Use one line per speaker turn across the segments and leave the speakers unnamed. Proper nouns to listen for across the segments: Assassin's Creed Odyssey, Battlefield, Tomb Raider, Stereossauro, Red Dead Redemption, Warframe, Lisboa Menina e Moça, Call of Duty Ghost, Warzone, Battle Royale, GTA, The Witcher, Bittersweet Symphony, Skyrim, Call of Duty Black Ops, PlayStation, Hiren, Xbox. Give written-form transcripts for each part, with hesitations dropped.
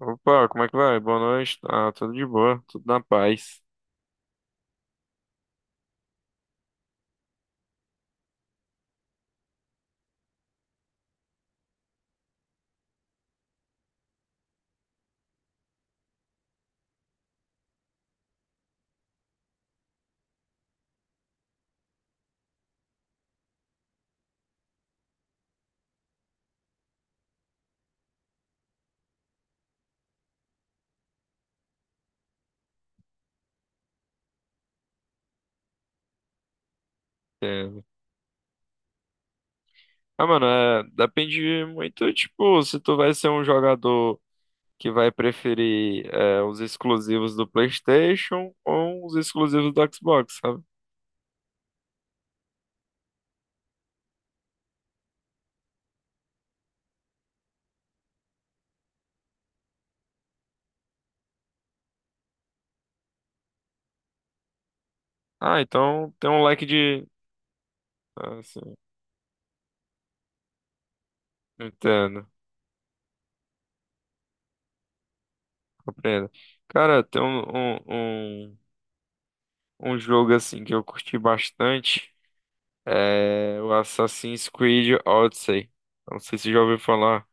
Opa, como é que vai? Boa noite. Ah, tudo de boa, tudo na paz. É. Ah, mano, depende muito, tipo, se tu vai ser um jogador que vai preferir os exclusivos do PlayStation ou os exclusivos do Xbox, sabe? Ah, então tem um leque de. Ah, sim, entendo, compreendo. Cara, tem um, um, um, um jogo assim que eu curti bastante, é o Assassin's Creed Odyssey. Não sei se já ouviu falar.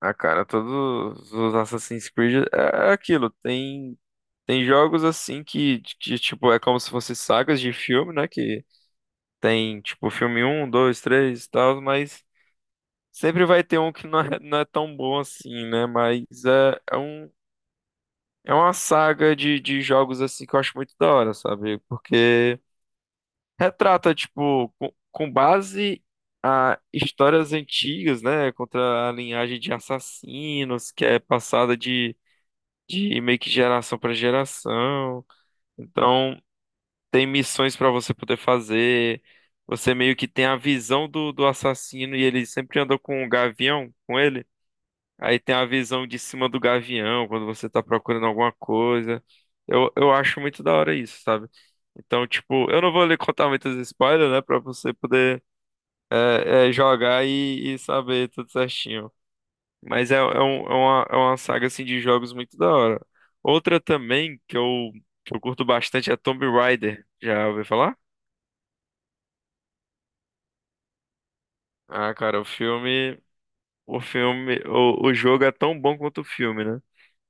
Ah, cara, todos os Assassin's Creed é aquilo. Tem jogos assim que, tipo, é como se fossem sagas de filme, né? Que tem, tipo, filme um 2 3 e tal, mas sempre vai ter um que não é tão bom assim, né? É uma saga de jogos assim que eu acho muito da hora, sabe? Porque retrata, tipo, com base a histórias antigas, né? Contra a linhagem de assassinos que é passada de meio que geração para geração. Então, tem missões para você poder fazer. Você meio que tem a visão do assassino e ele sempre andou com um gavião com ele. Aí tem a visão de cima do gavião quando você tá procurando alguma coisa. Eu acho muito da hora isso, sabe? Então, tipo, eu não vou lhe contar muitos spoilers, né? Pra você poder jogar e saber tudo certinho. Mas é uma saga assim de jogos muito da hora. Outra também que eu curto bastante é Tomb Raider. Já ouviu falar? Ah, cara, o filme, o jogo é tão bom quanto o filme, né?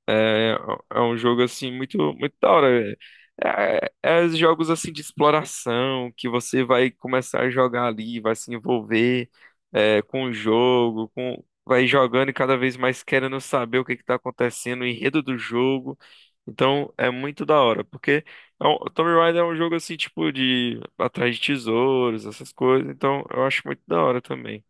É, é um jogo assim muito muito da hora. É jogos assim de exploração que você vai começar a jogar ali, vai se envolver com o jogo, com vai jogando e cada vez mais querendo saber o que está acontecendo, o enredo do jogo. Então é muito da hora, porque o Tomb Raider é um jogo assim tipo de atrás de tesouros, essas coisas. Então eu acho muito da hora também.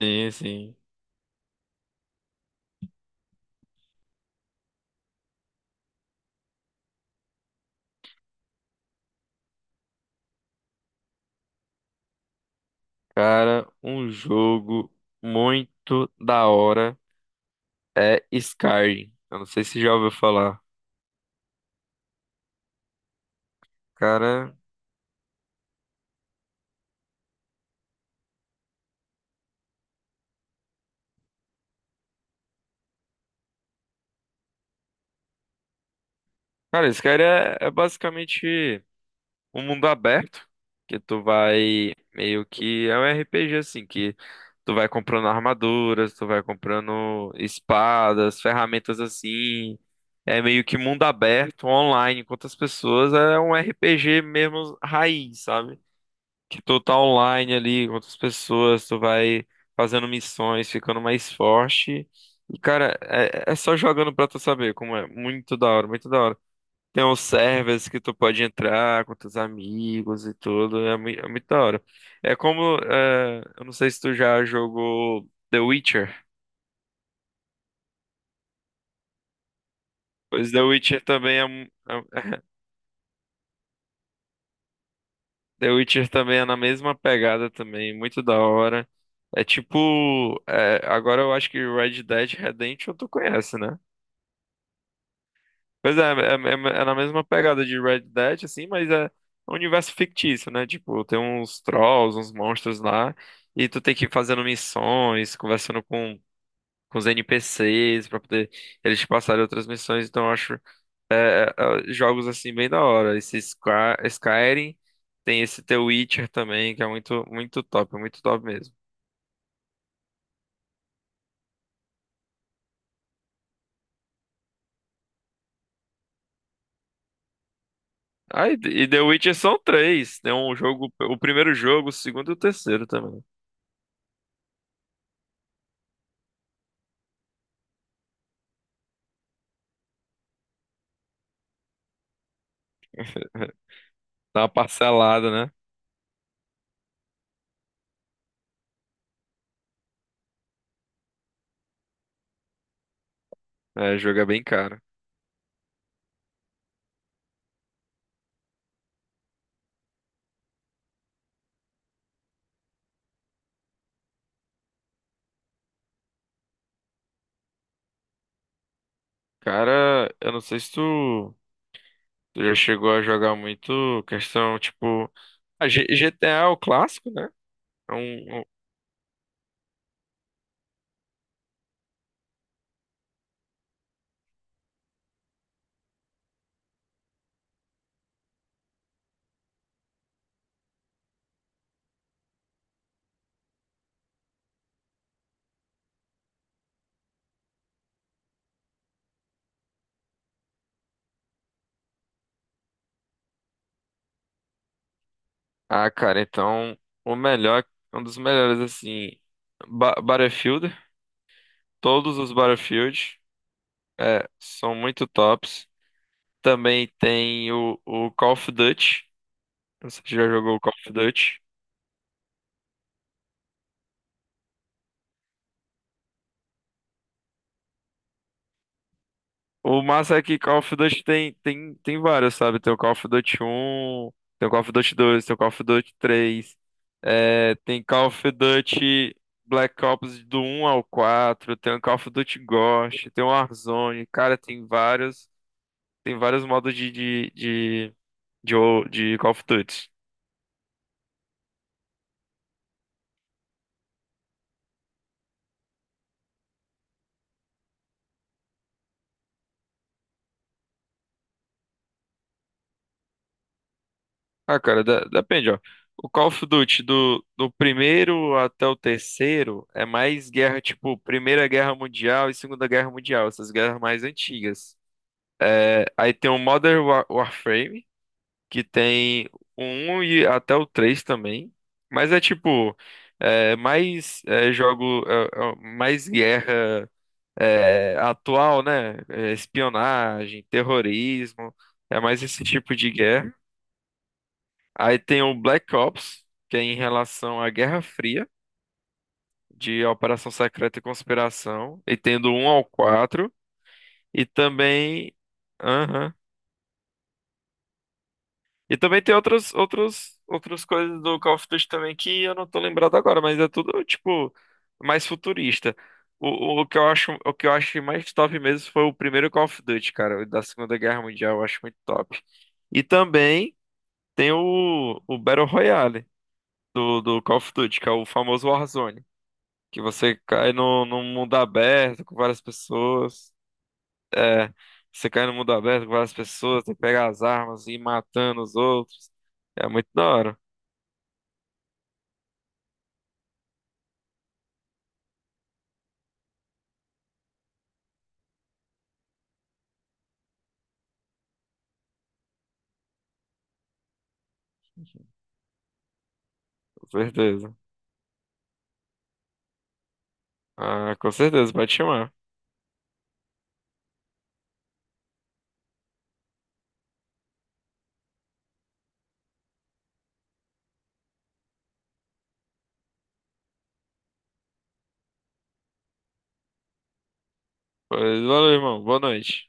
Sim, sim. Cara, um jogo muito da hora é Skyrim. Eu não sei se já ouviu falar. Cara, cara, Skyrim é basicamente um mundo aberto que tu vai meio que é um RPG assim que tu vai comprando armaduras, tu vai comprando espadas, ferramentas assim. É meio que mundo aberto, online, com outras pessoas, é um RPG mesmo raiz, sabe? Que tu tá online ali com outras pessoas, tu vai fazendo missões, ficando mais forte. E, cara, é só jogando pra tu saber como é. Muito da hora, muito da hora. Tem uns servers que tu pode entrar com teus amigos e tudo. É, é muito da hora. É como. É, eu não sei se tu já jogou The Witcher. Pois The Witcher também é- um, é- The Witcher também é na mesma pegada também, muito da hora. É tipo, é, agora eu acho que Red Dead Redemption tu conhece, né? Pois é na mesma pegada de Red Dead, assim, mas é um universo fictício, né? Tipo, tem uns trolls, uns monstros lá, e tu tem que ir fazendo missões, conversando com os NPCs pra poder eles te passarem outras missões. Então, eu acho é, jogos assim bem da hora. Esse Skyrim, tem esse The Witcher também, que é muito, muito top mesmo. Ah, e The Witcher são três. Tem um jogo, o primeiro jogo, o segundo e o terceiro também. Dá uma parcelada, né? É, jogo é bem caro. Cara, eu não sei se tu já chegou a jogar muito questão, tipo, GTA é o clássico, né? É um- um- Ah, cara, então o melhor, um dos melhores assim, Battlefield, todos os Battlefield, é, são muito tops. Também tem o Call of Duty. Não sei se já jogou o Call of Duty. O massa é que Call of Duty tem várias, sabe? Tem o Call of Duty um, tem o Call of Duty dois, tem o Call of Duty três, é, tem Call of Duty Black Ops do um ao quatro, tem o Call of Duty Ghost, tem o Warzone, cara, tem vários modos de Call of Duty. Ah, cara, depende, ó. O Call of Duty do primeiro até o terceiro é mais guerra, tipo, Primeira Guerra Mundial e Segunda Guerra Mundial, essas guerras mais antigas. Aí tem o Warframe, que tem o 1 e até o 3 também. Mas é tipo, mais guerra atual, né? É, espionagem, terrorismo, é mais esse tipo de guerra. Aí tem o Black Ops, que é em relação à Guerra Fria, de Operação Secreta e Conspiração, e tem do 1 ao 4 e também. Aham. E também tem outras outros, outras coisas do Call of Duty também que eu não tô lembrado agora, mas é tudo, tipo, mais futurista. O, o que eu acho, o que eu achei mais top mesmo foi o primeiro Call of Duty, cara, o da Segunda Guerra Mundial, eu acho muito top. E também tem o Battle Royale do Call of Duty, que é o famoso Warzone. Que você cai no, num mundo aberto com várias pessoas. É, você cai no mundo aberto com várias pessoas, tem que pegar as armas e ir matando os outros. É muito da hora, com certeza. Ah, com certeza, pode chamar. Pois valeu, irmão. Boa noite.